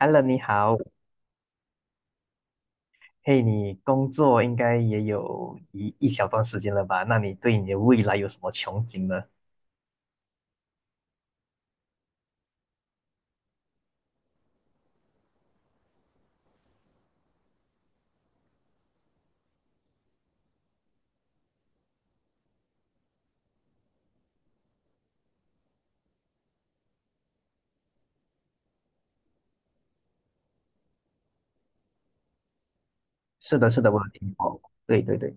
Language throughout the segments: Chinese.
h e l l o 你好。嘿，你工作应该也有一小段时间了吧？那你对你的未来有什么憧憬呢？是的，是的，我有听过。对对对。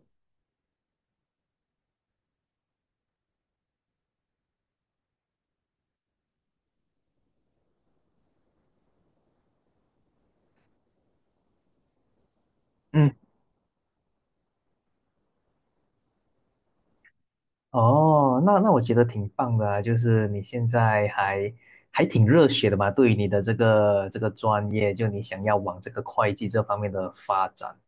嗯。哦，那我觉得挺棒的啊，就是你现在还挺热血的嘛，对于你的这个专业，就你想要往这个会计这方面的发展。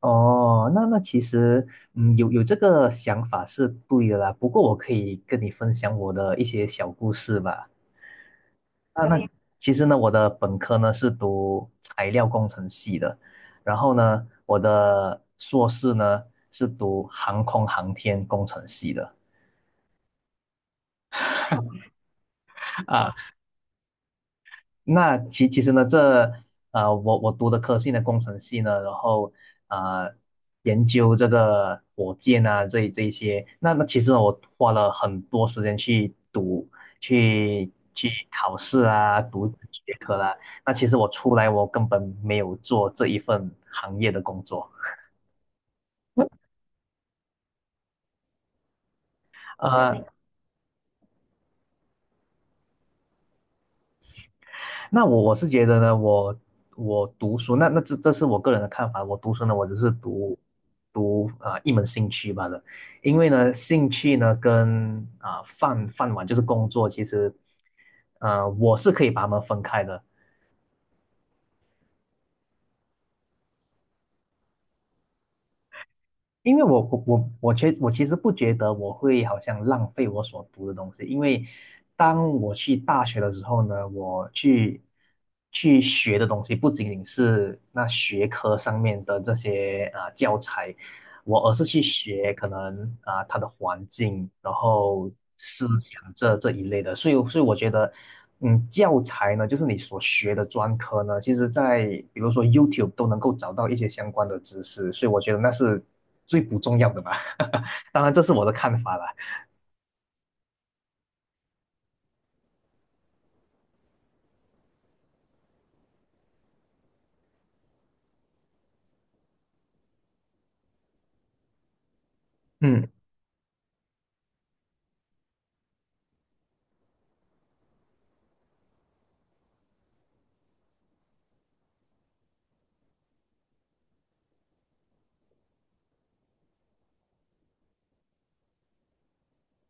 哦，那其实，嗯，有这个想法是对的啦。不过我可以跟你分享我的一些小故事吧。啊，那其实呢，我的本科呢是读材料工程系的，然后呢，我的硕士呢是读航空航天工程系的。啊那其实呢，这我读的科系呢，工程系呢，然后呃，研究这个火箭啊，这一些，那其实呢我花了很多时间去读，去考试啊，读学科啦。那其实我出来，我根本没有做这一份行业的工作。呃，那我是觉得呢，我读书，那这是我个人的看法。我读书呢，我只是读啊、一门兴趣罢了。因为呢，兴趣呢跟啊、饭碗就是工作，其实我是可以把它们分开的。因为我其实不觉得我会好像浪费我所读的东西，因为当我去大学的时候呢，我去学的东西不仅仅是那学科上面的这些啊、呃教材，我而是去学可能啊、它的环境，然后思想这一类的，所以我觉得。嗯，教材呢，就是你所学的专科呢，其实在比如说 YouTube 都能够找到一些相关的知识，所以我觉得那是最不重要的吧。当然，这是我的看法啦。嗯。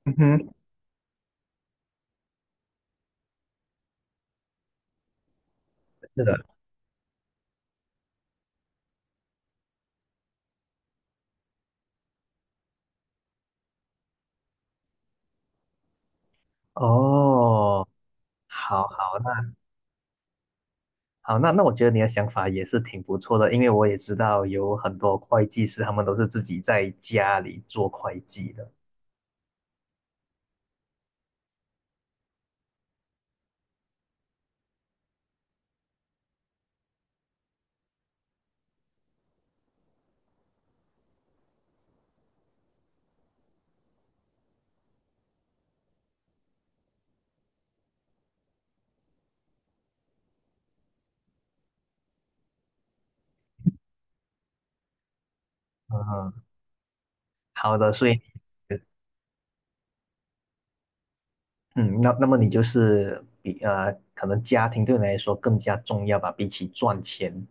嗯哼。是的。哦，好好。那好，那我觉得你的想法也是挺不错的，因为我也知道有很多会计师，他们都是自己在家里做会计的。嗯，好的，所以。嗯，那那么你就是比可能家庭对你来说更加重要吧，比起赚钱。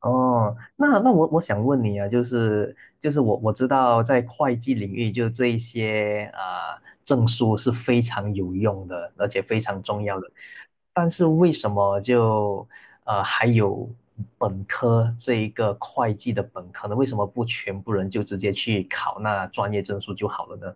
哦，那我想问你啊，就是我知道在会计领域，就这一些啊、呃证书是非常有用的，而且非常重要的。但是为什么就还有本科这一个会计的本科呢？为什么不全部人就直接去考那专业证书就好了呢？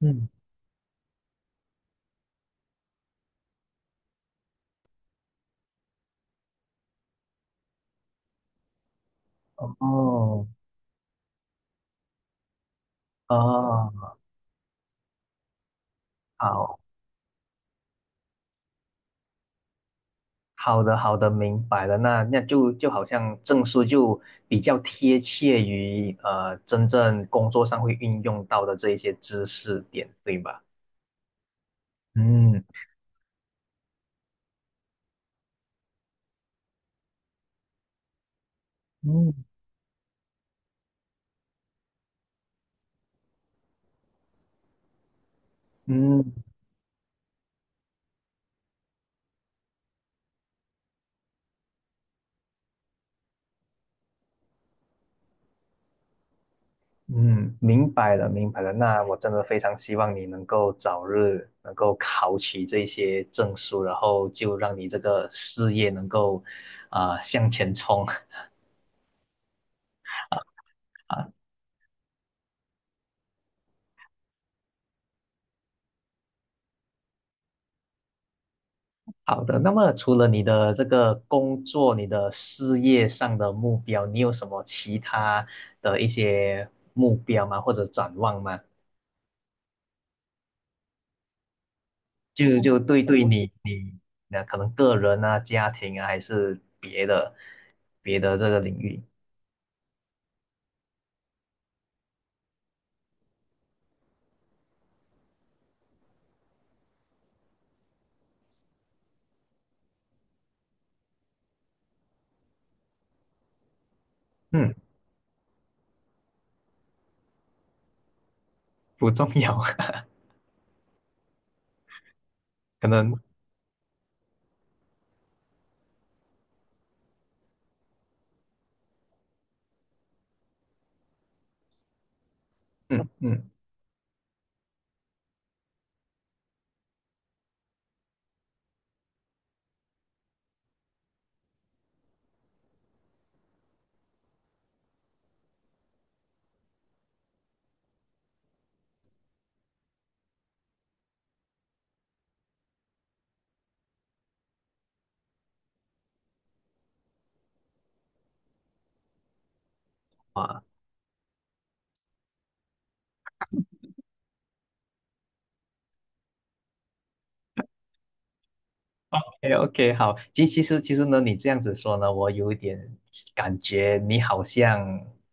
嗯。哦。哦。啊好。好的，好的，明白了。那就好像证书就比较贴切于呃真正工作上会运用到的这一些知识点，对吧？嗯。嗯。嗯。嗯，明白了，明白了。那我真的非常希望你能够早日能够考取这些证书，然后就让你这个事业能够啊、向前冲。好的，那么除了你的这个工作、你的事业上的目标，你有什么其他的一些目标吗？或者展望吗？就对你那可能个人啊、家庭啊，还是别的这个领域，嗯。不重要。可能。嗯嗯。啊。o OK,好，其实呢，你这样子说呢，我有一点感觉你好像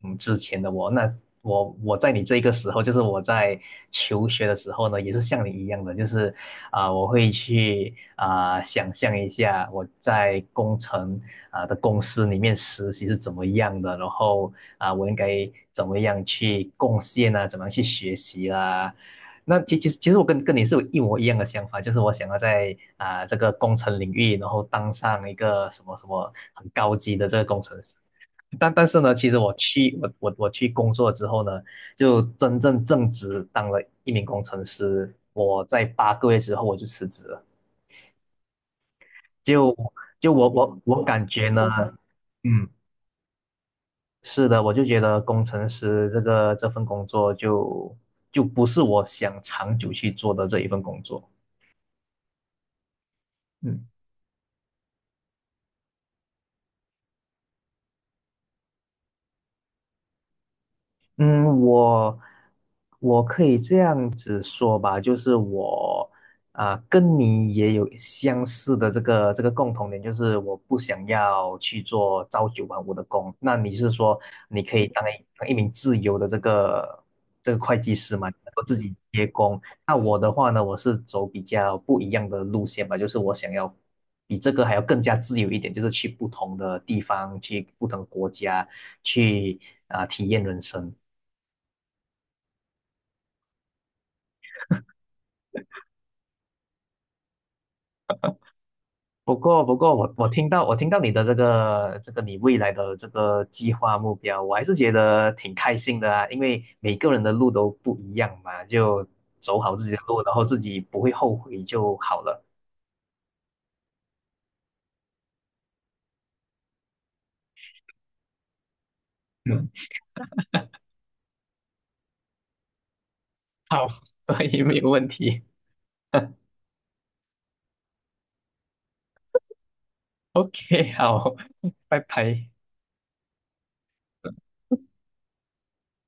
嗯之前的我，那我在你这个时候，就是我在求学的时候呢，也是像你一样的，就是啊、我会去啊、想象一下我在工程啊、的公司里面实习是怎么样的，然后啊、我应该怎么样去贡献啊，怎么样去学习啦、那其实我跟你是有一模一样的想法，就是我想要在啊、这个工程领域，然后当上一个什么很高级的这个工程师。但但是呢，其实我去工作之后呢，就真正正职当了一名工程师。我在八个月之后我就辞职了，就我感觉呢，嗯，是的，我就觉得工程师这份工作就就不是我想长久去做的这一份工作。嗯。嗯，我可以这样子说吧，就是我啊、跟你也有相似的这个共同点，就是我不想要去做朝九晚五的工。那你是说你可以当一名自由的这个会计师嘛，能够自己接工？那我的话呢，我是走比较不一样的路线吧，就是我想要比这个还要更加自由一点，就是去不同的地方，去不同国家，去啊、体验人生。不过，我听到你的这个你未来的这个计划目标，我还是觉得挺开心的啊，因为每个人的路都不一样嘛，就走好自己的路，然后自己不会后悔就好了。嗯，好，所以没有问题。OK,好，拜拜。